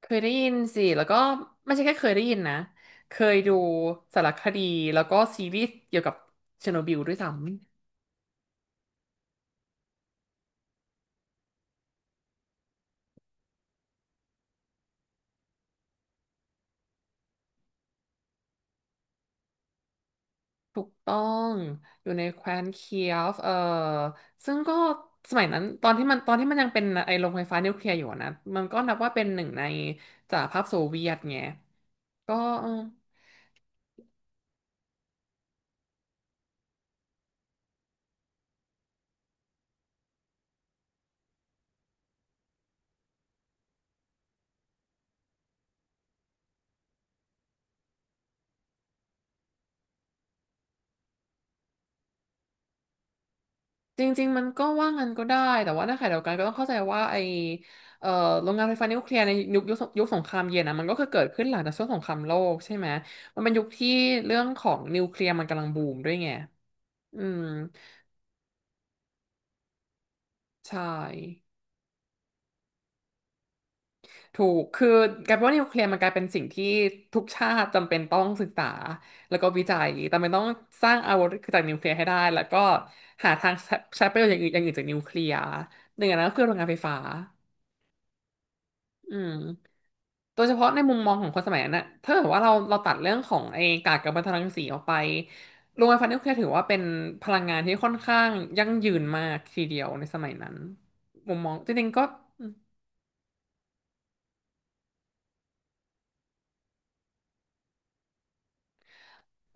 เคยได้ยินสิ แล้วก็ไม่ใช่แค่เคยได้ยินนะ เคยดูสารคดีแล้วก็ซีรีส์เกี่ยวกับเชอร์โนบิลด้วยซ้ำถูกต้อง อยู่ในแคว้นเคียฟซึ่งก็สมัยนั้นตอนที่มันยังเป็นไอ้โรงไฟฟ้านิวเคลียร์อยู่อะนะ มันก็นับว่าเป็นหนึ่งในสหภาพโซเวียตไงก็เออ จริงๆมันก็ว่างั้นก็ได้แต่ว่าในขณะเดียวกันก็ต้องเข้าใจว่าไอเอ่อโรงงานไฟฟ้านิวเคลียร์ในยุคสงครามเย็นนะมันก็คือเกิดขึ้นหลังจากช่วงสงครามโลกใช่ไหมมันเป็นยุคที่เรื่องของนิวเคลียร์มันกำลังบูมด้วยไงอืมใช่ถูกคือกลายเป็นว่านิวเคลียร์มันกลายเป็นสิ่งที่ทุกชาติจำเป็นต้องศึกษาแล้วก็วิจัยจำเป็นต้องสร้างอาวุธจากนิวเคลียร์ให้ได้แล้วก็หาทางใช้ประโยชน์อย่างอื่นจากนิวเคลียร์หนึ่งอันนั้นก็คือโรงงานไฟฟ้า อืมโดยเฉพาะในมุมมองของคนสมัยนั้นนะถ้าเกิดว่าเราตัดเรื่องของไอ้กากกัมมันตรังสีออกไปโรงไฟฟ้านิวเคลียร์ถือว่าเป็นพลังงานที่ค่อนข้างยั่งยืนมากทีเดียวในสมัยนั้นมุมมองจริงๆก็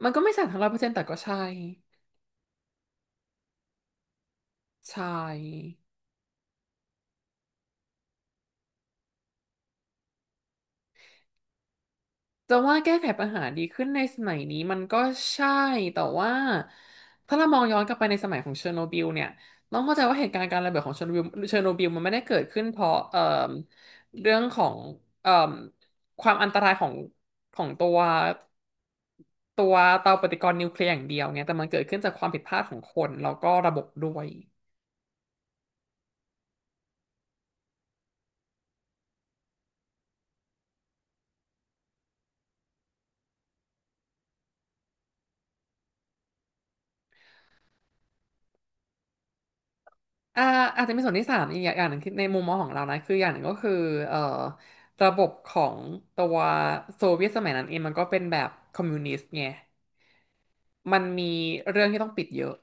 มันก็ไม่สานทั้งร้อยเปอร์เซ็นต์แต่ก็ใช่ใช่ จะว่าแก้ไขปัญหาดีขึ้นในสมัยนี้มันก็ใช่แต่ว่าถ้าเรามองย้อนกลับไปในสมัยของเชอร์โนบิลเนี่ยต้องเข้าใจว่าเหตุการณ์การระเบิดของเชอร์โนบิลมันไม่ได้เกิดขึ้นเพราะเรื่องของเอ่อความอันตรายของของตัวตัวเตาปฏิกรณ์นิวเคลียร์อย่างเดียวไงแต่มันเกิดขึ้นจากความผิดพลาดของคนแล้วก็ระบบด้วย อ่าอาจจะมีส่วนที่สามอีกอย่างหนึ่งคือในมุมมองของเรานะคืออย่างหนึ่งก็คือเอ่อระบบของตัวโซเวียตสมัยนั้นเองมันก็เป็นแบบคอมมิวนิสต์ไงมันมีเรื่องที่ต้องปิดเยอะ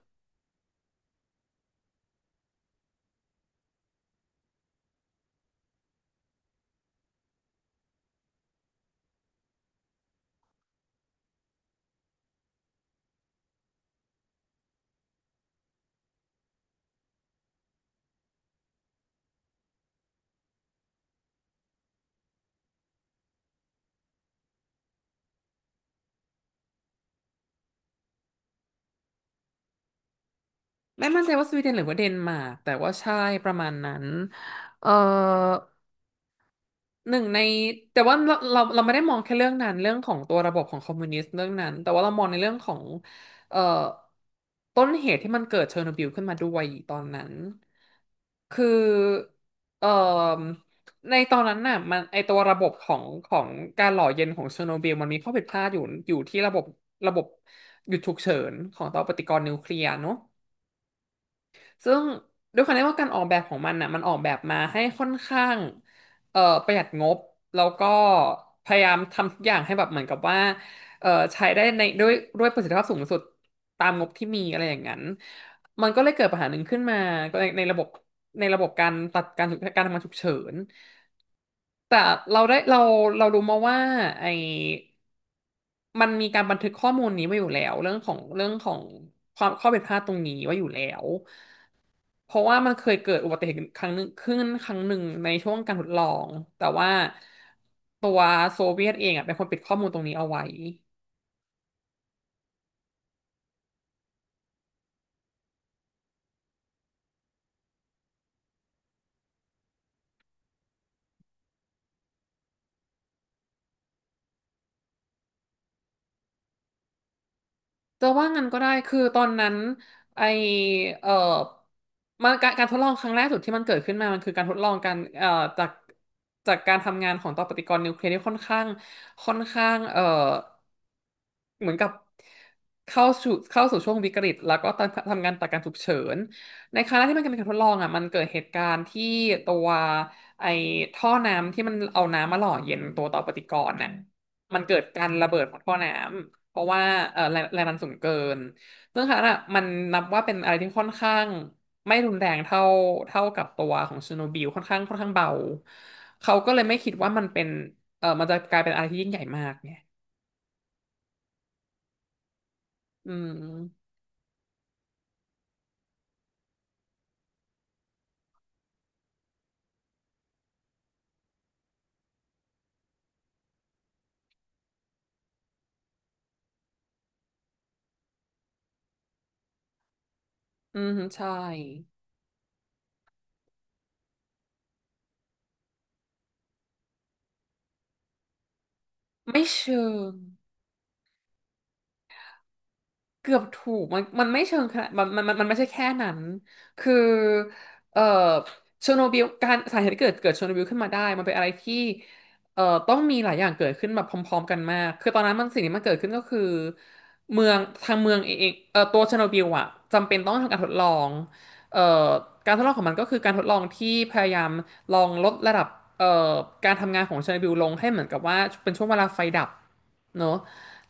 ไม่มั่นใจว่าสวีเดนหรือว่าเดนมาร์กแต่ว่าใช่ประมาณนั้นเอ่อ หนึ่งในแต่ว่าเราไม่ได้มองแค่เรื่องนั้นเรื่องของตัวระบบของคอมมิวนิสต์เรื่องนั้นแต่ว่าเรามองในเรื่องของเอ่อต้นเหตุที่มันเกิดเชอร์โนบิลขึ้นมาด้วยตอนนั้นคือเอ่อในตอนนั้นน่ะมันไอตัวระบบของการหล่อเย็นของเชอร์โนบิลมันมีข้อผิดพลาดอยู่อยู่ที่ระบบหยุดฉุกเฉินของเตาปฏิกรณ์นิวเคลียร์เนอะ ซึ่งด้วยความที่ว่าการออกแบบของมันน่ะมันออกแบบมาให้ค่อนข้างเอ่อประหยัดงบแล้วก็พยายามทำทุกอย่างให้แบบเหมือนกับว่าเอ่อใช้ได้ในด้วยประสิทธิภาพสูงสุดตามงบที่มีอะไรอย่างนั้นมันก็เลยเกิดปัญหาหนึ่งขึ้นมาในในระบบการตัดการฉุกการทำงานฉุกเฉินแต่เราได้เราเรารู้มาว่าไอมันมีการบันทึกข้อมูลนี้ไว้อยู่แล้วเรื่องของความข้อผิดพลาดตรงนี้ไว้อยู่แล้ว เพราะว่ามันเคยเกิดอุบัติเหตุครั้งหนึ่งในช่วงการทดลอง แต่ว่าตัวโซเวียตเองอ่ะเป็นคนปิดข้อมูลตรงนี้เอาไว้ จะว่างั้นก็ได้คือตอนนั้นไอเอ่อมันการทดลองครั้งแรกสุดที่มันเกิดขึ้นมามันคือการทดลองการจากจากการทำงานของต่อปฏิกรณ์นิวเคลียร์ที่ค่อนข้างเหมือนกับเข้าสู่ช่วงวิกฤตแล้วก็ทำงานตัดการฉุกเฉินในครั้งแรกที่มันเป็นการทดลองอ่ะมันเกิดเหตุการณ์ที่ตัวไอท่อน้ำที่มันเอาน้ำมาหล่อเย็นตัวต่อปฏิกรณ์น่ะมันเกิดการระเบิดของท่อน้ำ เพราะว่าแรงแรงดันสูงเกิน ซึ่งค่ะนน่ะมันนับว่าเป็นอะไรที่ค่อนข้างไม่รุนแรงเท่ากับตัวของเชอร์โนบิลค่อนข้างเบา เขาก็เลยไม่คิดว่ามันเป็นเออมันจะกลายเป็นอะไรที่ยิ่งใหญ่มากไงอืมอืมใช่ไม่เชิง เกือบถูกมันไม่เชิงขนาดมันไม่ใช่แค่นั้นคือเอ่อเชอร์โนบิลการสาเหตุที่เกิดเชอร์โนบิลขึ้นมาได้มันเป็นอะไรที่ต้องมีหลายอย่างเกิดขึ้นแบบพร้อมๆกันมากคือตอนนั้นมันสิ่งที่มันเกิดขึ้นก็คือเมืองทางเมืองเองตัวเชอร์โนบิลอะจำเป็นต้องทำการทดลองเอ่อการทดลองของมันก็คือการทดลองที่พยายามลองลดระดับเอ่อการทำงานของเชอร์โนบิลลงให้เหมือนกับว่าเป็นช่วงเวลาไฟดับเนอะ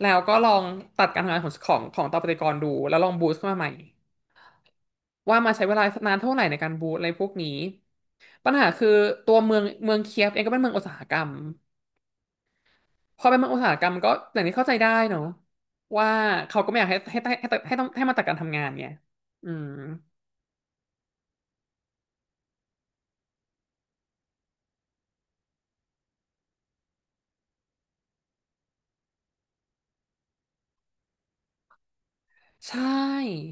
แล้วก็ลองตัดการทำงานของตัวปฏิกรณ์ดูแล้วลองบูสต์ขึ้นมาใหม่ว่ามาใช้เวลานานเท่าไหร่ในการบูสต์อะไรพวกนี้ปัญหาคือตัวเมืองเคียฟเองก็เป็นเมืองอุตสาหกรรมพอเป็นเมืองอุตสาหกรรมก็อย่างนี้เข้าใจได้เนาะว่าเขาก็ไม่อยากให้ต้องให้มาตัดการทำงานไงอืมใช่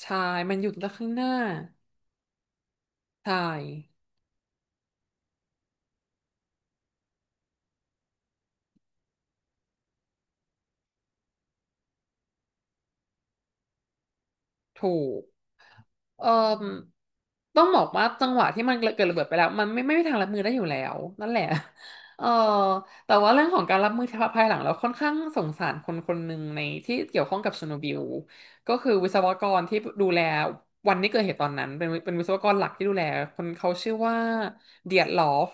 ใช่มันอยู่แต่ข้างหน้าใช่ถูก เอ่อต้องบอกว่าจังหวะที่มันเกิดระเบิดไปแล้วมันไม่มีทางรับมือได้อยู่แล้วนั่นแหละ เอ่อแต่ว่าเรื่องของการรับมือภายหลังเราค่อนข้างสงสารคนคนหนึ่งในที่เกี่ยวข้องกับเชอร์โนบิลก็คือวิศวกรที่ดูแลวันที่เกิดเหตุตอนนั้นเป็นวิศวกรหลักที่ดูแลคนเขาชื่อว่าเดียร์ลอฟ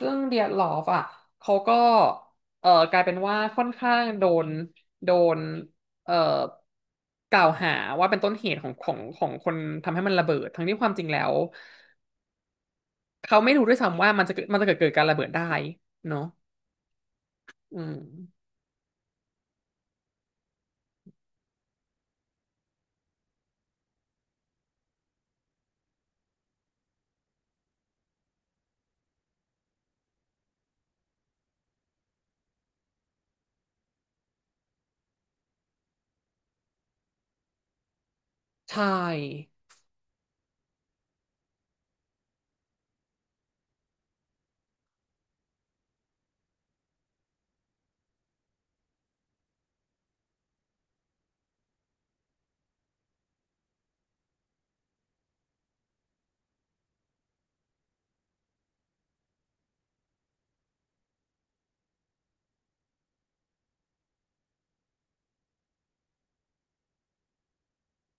ซึ่งเดียดหลอฟอ่ะ เขาก็กลายเป็นว่าค่อนข้างโดนโดนเอ่อกล่าวหาว่าเป็นต้นเหตุของคนทำให้มันระเบิดทั้งที่ความจริงแล้วเขาไม่รู้ด้วยซ้ำว่ามันจะเกิดมันจะเกิดการระเบิดได้เนาะอืมใช่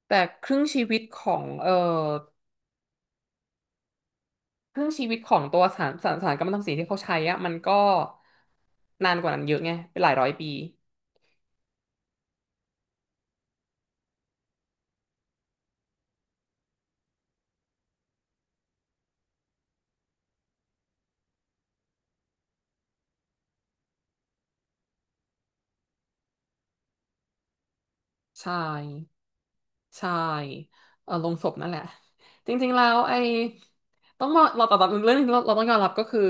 แต่ครึ่งชีวิตของครึ่งชีวิตของตัวสารกัมมันตรังสีที่เขาใช้อะมันก็นานกว่านั้นเยอะไงเป็นหลายร้อยปี ใช่ ใช่เออลงศพนั่นแหละ จริงๆ แล้วไอ้ต้องบอกเราแต่แบบเรื่องนี้เราต้องยอมรับก็คือ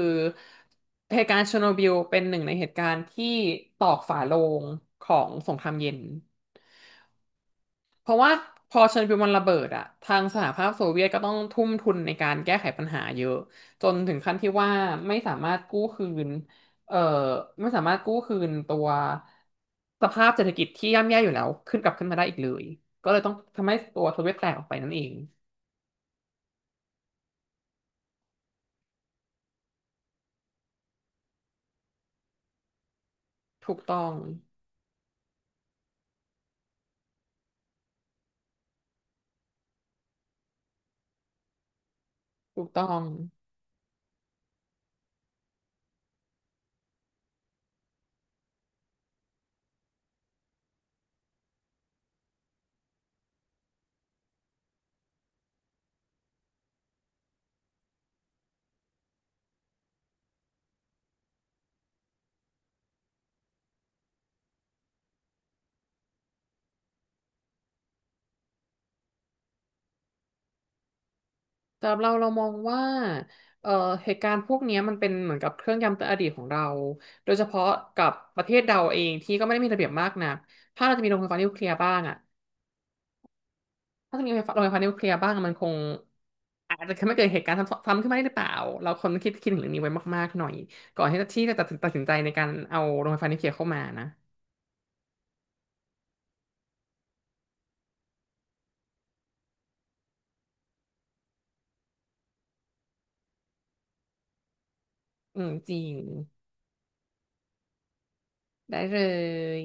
เหตุการณ์เชอร์โนบิลเป็นหนึ่งในเหตุการณ์ที่ตอกฝาโลงของสงครามเย็น เพราะว่าพอเชอร์โนบิลมันระเบิดอะทางสหภาพโซเวียตก็ต้องทุ่มทุนในการแก้ไขปัญหาเยอะจนถึงขั้นที่ว่าไม่สามารถกู้คืนเอ่อไม่สามารถกู้คืนตัวสภาพเศรษฐกิจที่ย่ำแย่อยู่แล้วขึ้นกลับขึ้นมาได้อีกเลยก็เลยต้องทำให้ตัวโซเวียตแตกออกไปนั่นเองถูกต้องถูกต้อง สำหรับเราเรามองว่าเอ่อเหตุการณ์พวกเนี้ยมันเป็นเหมือนกับเครื่องย้ำเตือนอดีตของเรา โดยเฉพาะกับประเทศเราเองที่ก็ไม่ได้มีระเบียบมากนักถ้าเราจะมีโรงไฟฟ้านิวเคลียร์บ้างอ่ะถ้าจะมีโรงไฟฟ้านิวเคลียร์บ้างอะมันคงอาจจะไม่เกิดเหตุการณ์ซ้ำซ้ำขึ้นมาได้หรือเปล่าเราคนคิดถึงเรื่องนี้ไว้มากๆหน่อยก่อนที่จะตัดสินใจในการเอาโรงไฟฟ้านิวเคลียร์เข้ามานะอืมจริงได้เลย